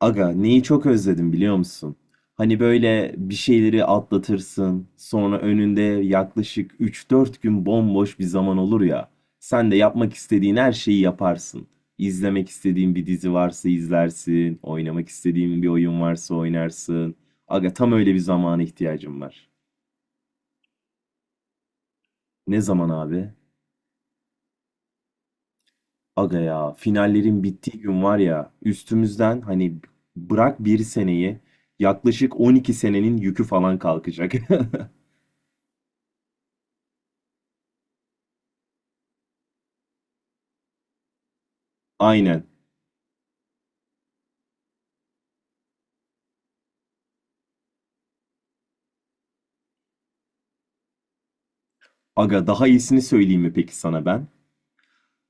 Aga neyi çok özledim biliyor musun? Hani böyle bir şeyleri atlatırsın, sonra önünde yaklaşık 3-4 gün bomboş bir zaman olur ya. Sen de yapmak istediğin her şeyi yaparsın. İzlemek istediğin bir dizi varsa izlersin, oynamak istediğin bir oyun varsa oynarsın. Aga tam öyle bir zamana ihtiyacım var. Ne zaman abi? Aga ya finallerin bittiği gün var ya üstümüzden hani bırak bir seneyi yaklaşık 12 senenin yükü falan kalkacak. Aynen. Aga daha iyisini söyleyeyim mi peki sana ben?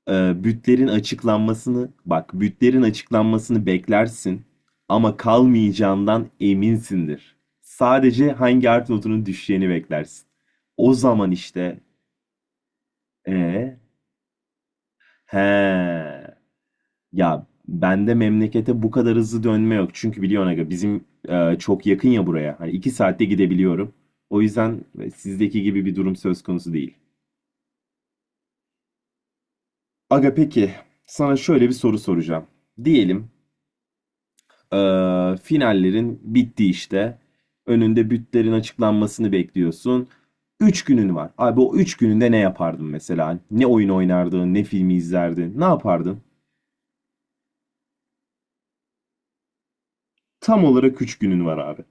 Bütlerin açıklanmasını, bak bütlerin açıklanmasını beklersin ama kalmayacağından eminsindir. Sadece hangi art notunun düşeceğini beklersin. O zaman işte. Ee, he ya bende memlekete bu kadar hızlı dönme yok. Çünkü biliyorsun aga bizim çok yakın ya buraya. Hani 2 saatte gidebiliyorum. O yüzden sizdeki gibi bir durum söz konusu değil. Aga peki sana şöyle bir soru soracağım. Diyelim, finallerin bitti işte. Önünde bütlerin açıklanmasını bekliyorsun. 3 günün var. Abi o 3 gününde ne yapardın mesela? Ne oyun oynardın, ne filmi izlerdin, ne yapardın? Tam olarak 3 günün var abi.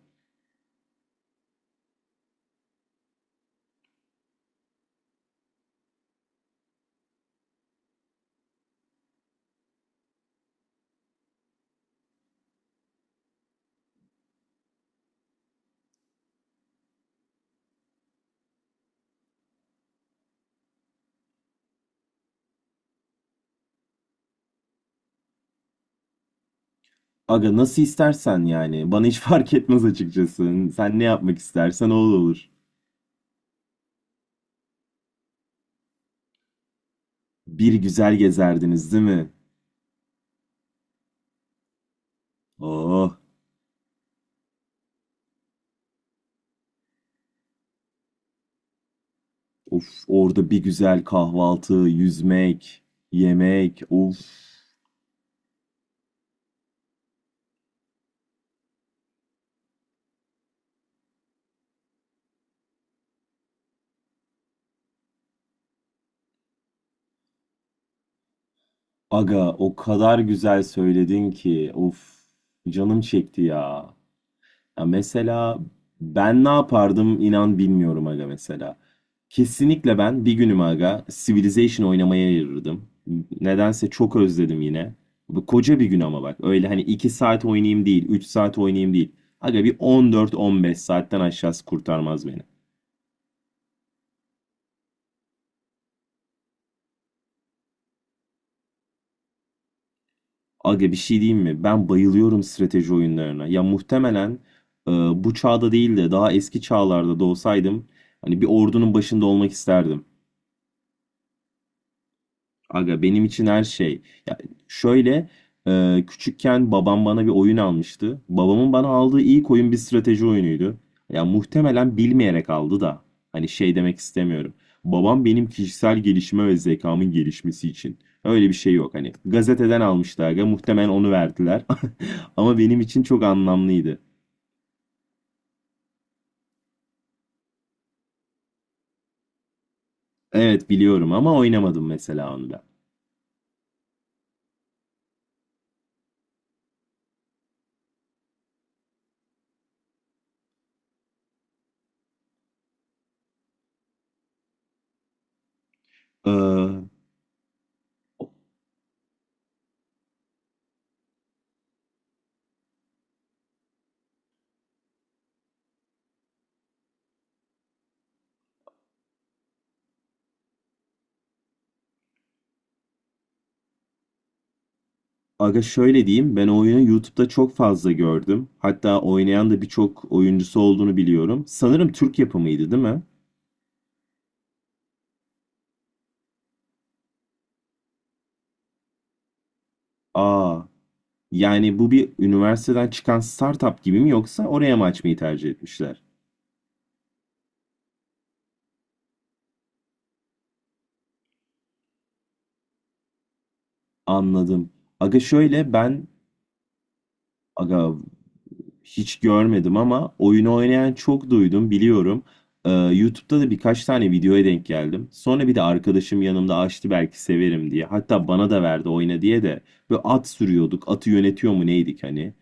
Aga nasıl istersen yani. Bana hiç fark etmez açıkçası. Sen ne yapmak istersen o olur. Bir güzel gezerdiniz değil mi? Oh. Of orada bir güzel kahvaltı, yüzmek, yemek. Of aga o kadar güzel söyledin ki. Of canım çekti ya. Ya mesela ben ne yapardım inan bilmiyorum aga mesela. Kesinlikle ben bir günüm aga Civilization oynamaya ayırırdım. Nedense çok özledim yine. Bu koca bir gün ama bak öyle hani 2 saat oynayayım değil, 3 saat oynayayım değil. Aga bir 14-15 saatten aşağısı kurtarmaz beni. Aga bir şey diyeyim mi? Ben bayılıyorum strateji oyunlarına. Ya muhtemelen bu çağda değil de daha eski çağlarda da olsaydım hani bir ordunun başında olmak isterdim. Aga benim için her şey. Ya şöyle küçükken babam bana bir oyun almıştı. Babamın bana aldığı ilk oyun bir strateji oyunuydu. Ya muhtemelen bilmeyerek aldı da. Hani şey demek istemiyorum. Babam benim kişisel gelişime ve zekamın gelişmesi için. Öyle bir şey yok hani. Gazeteden almıştı aga. Muhtemelen onu verdiler. Ama benim için çok anlamlıydı. Evet biliyorum ama oynamadım mesela onu da. Ee, Aga şöyle diyeyim, ben oyunu YouTube'da çok fazla gördüm. Hatta oynayan da birçok oyuncusu olduğunu biliyorum. Sanırım Türk yapımıydı, değil mi? Aa, yani bu bir üniversiteden çıkan startup gibi mi yoksa oraya mı açmayı tercih etmişler? Anladım. Aga şöyle ben, aga hiç görmedim ama oyunu oynayan çok duydum biliyorum. YouTube'da da birkaç tane videoya denk geldim. Sonra bir de arkadaşım yanımda açtı belki severim diye. Hatta bana da verdi oyna diye de. Böyle at sürüyorduk. Atı yönetiyor mu neydik hani.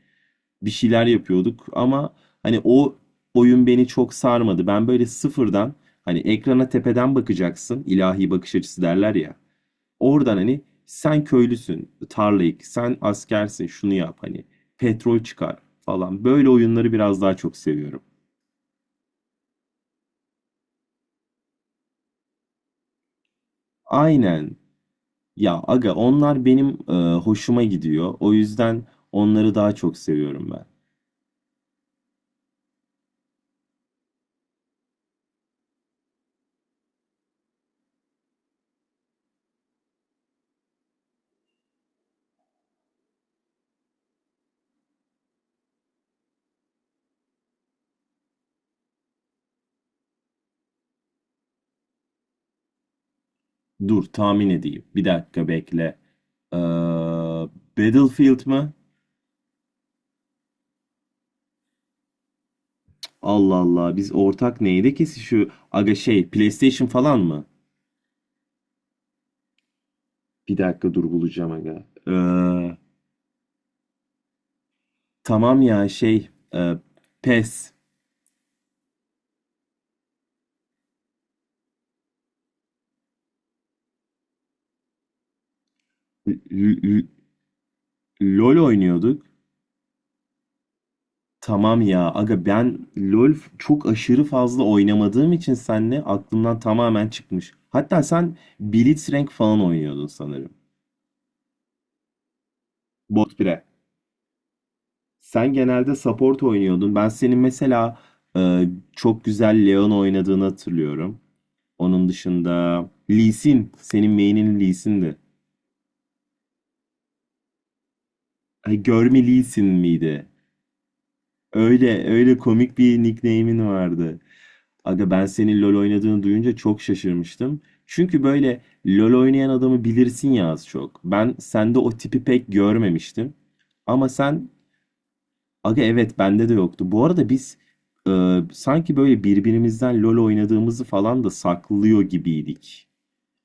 Bir şeyler yapıyorduk ama hani o oyun beni çok sarmadı. Ben böyle sıfırdan hani ekrana tepeden bakacaksın, ilahi bakış açısı derler ya. Oradan hani sen köylüsün, tarlayık, sen askersin, şunu yap hani petrol çıkar falan. Böyle oyunları biraz daha çok seviyorum. Aynen. Ya aga onlar benim hoşuma gidiyor. O yüzden onları daha çok seviyorum ben. Dur tahmin edeyim. Bir dakika bekle. Ee, Battlefield mı? Allah Allah biz ortak neydi ki şu aga şey PlayStation falan mı? Bir dakika dur bulacağım aga. Tamam ya şey e, PES. L- L- LoL oynuyorduk. Tamam ya aga ben LoL çok aşırı fazla oynamadığım için senle aklımdan tamamen çıkmış. Hatta sen Blitzcrank falan oynuyordun sanırım. Bot bire. Sen genelde support oynuyordun. Ben senin mesela e, çok güzel Leon oynadığını hatırlıyorum. Onun dışında Lee Sin. Senin main'in Lee Sin'di. Ay, görme Lee Sin miydi? Öyle öyle komik bir nickname'in vardı. Aga ben senin LoL oynadığını duyunca çok şaşırmıştım. Çünkü böyle LoL oynayan adamı bilirsin ya az çok. Ben sende o tipi pek görmemiştim. Ama sen Aga evet bende de yoktu. Bu arada biz sanki böyle birbirimizden LoL oynadığımızı falan da saklıyor gibiydik.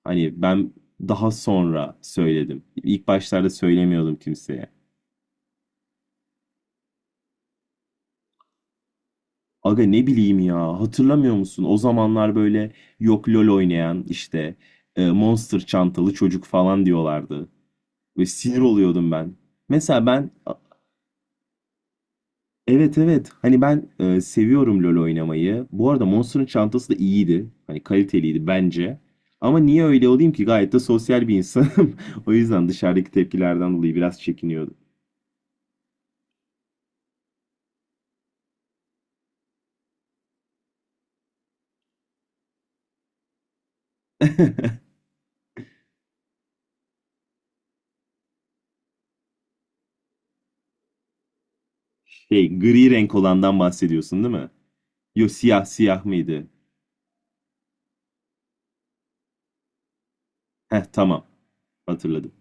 Hani ben daha sonra söyledim. İlk başlarda söylemiyordum kimseye. Aga ne bileyim ya hatırlamıyor musun? O zamanlar böyle yok LOL oynayan işte Monster çantalı çocuk falan diyorlardı. Ve sinir oluyordum ben. Mesela ben evet evet hani ben seviyorum LOL oynamayı. Bu arada Monster'ın çantası da iyiydi. Hani kaliteliydi bence. Ama niye öyle olayım ki gayet de sosyal bir insanım. O yüzden dışarıdaki tepkilerden dolayı biraz çekiniyordum. Şey gri renk olandan bahsediyorsun değil mi? Yo, siyah siyah mıydı? Heh, tamam hatırladım.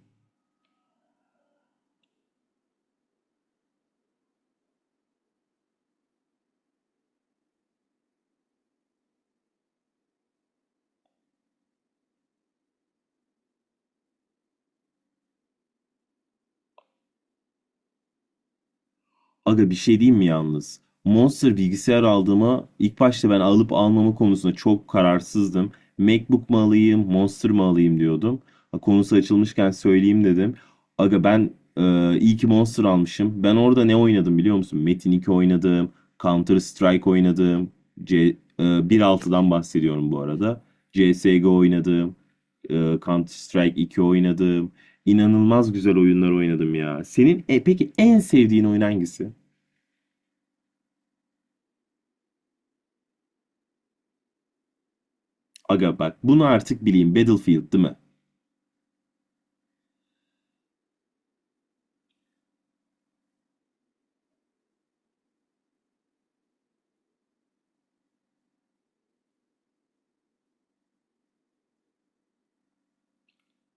Aga bir şey diyeyim mi yalnız? Monster bilgisayar aldığıma ilk başta ben alıp almama konusunda çok kararsızdım. MacBook mu alayım, Monster mı alayım diyordum. Ha, konusu açılmışken söyleyeyim dedim. Aga ben iyi ki Monster almışım. Ben orada ne oynadım biliyor musun? Metin 2 oynadım, Counter Strike oynadım, C, 1.6'dan bahsediyorum bu arada. CSGO oynadım, e, Counter Strike 2 oynadım. İnanılmaz güzel oyunlar oynadım ya. Senin peki en sevdiğin oyun hangisi? Aga bak bunu artık bileyim. Battlefield değil mi?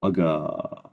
Aga.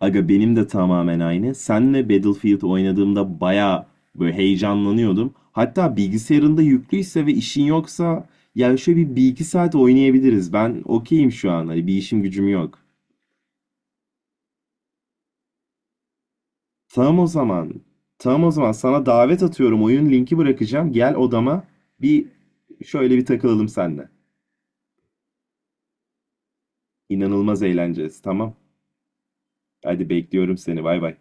Aga benim de tamamen aynı. Senle Battlefield oynadığımda bayağı böyle heyecanlanıyordum. Hatta bilgisayarında yüklüyse ve işin yoksa ya şöyle bir iki saat oynayabiliriz. Ben okeyim şu an. Hani bir işim gücüm yok. Tamam o zaman. Tamam o zaman sana davet atıyorum. Oyun linki bırakacağım. Gel odama bir şöyle bir takılalım seninle. İnanılmaz eğleneceğiz. Tamam. Hadi bekliyorum seni. Bay bay.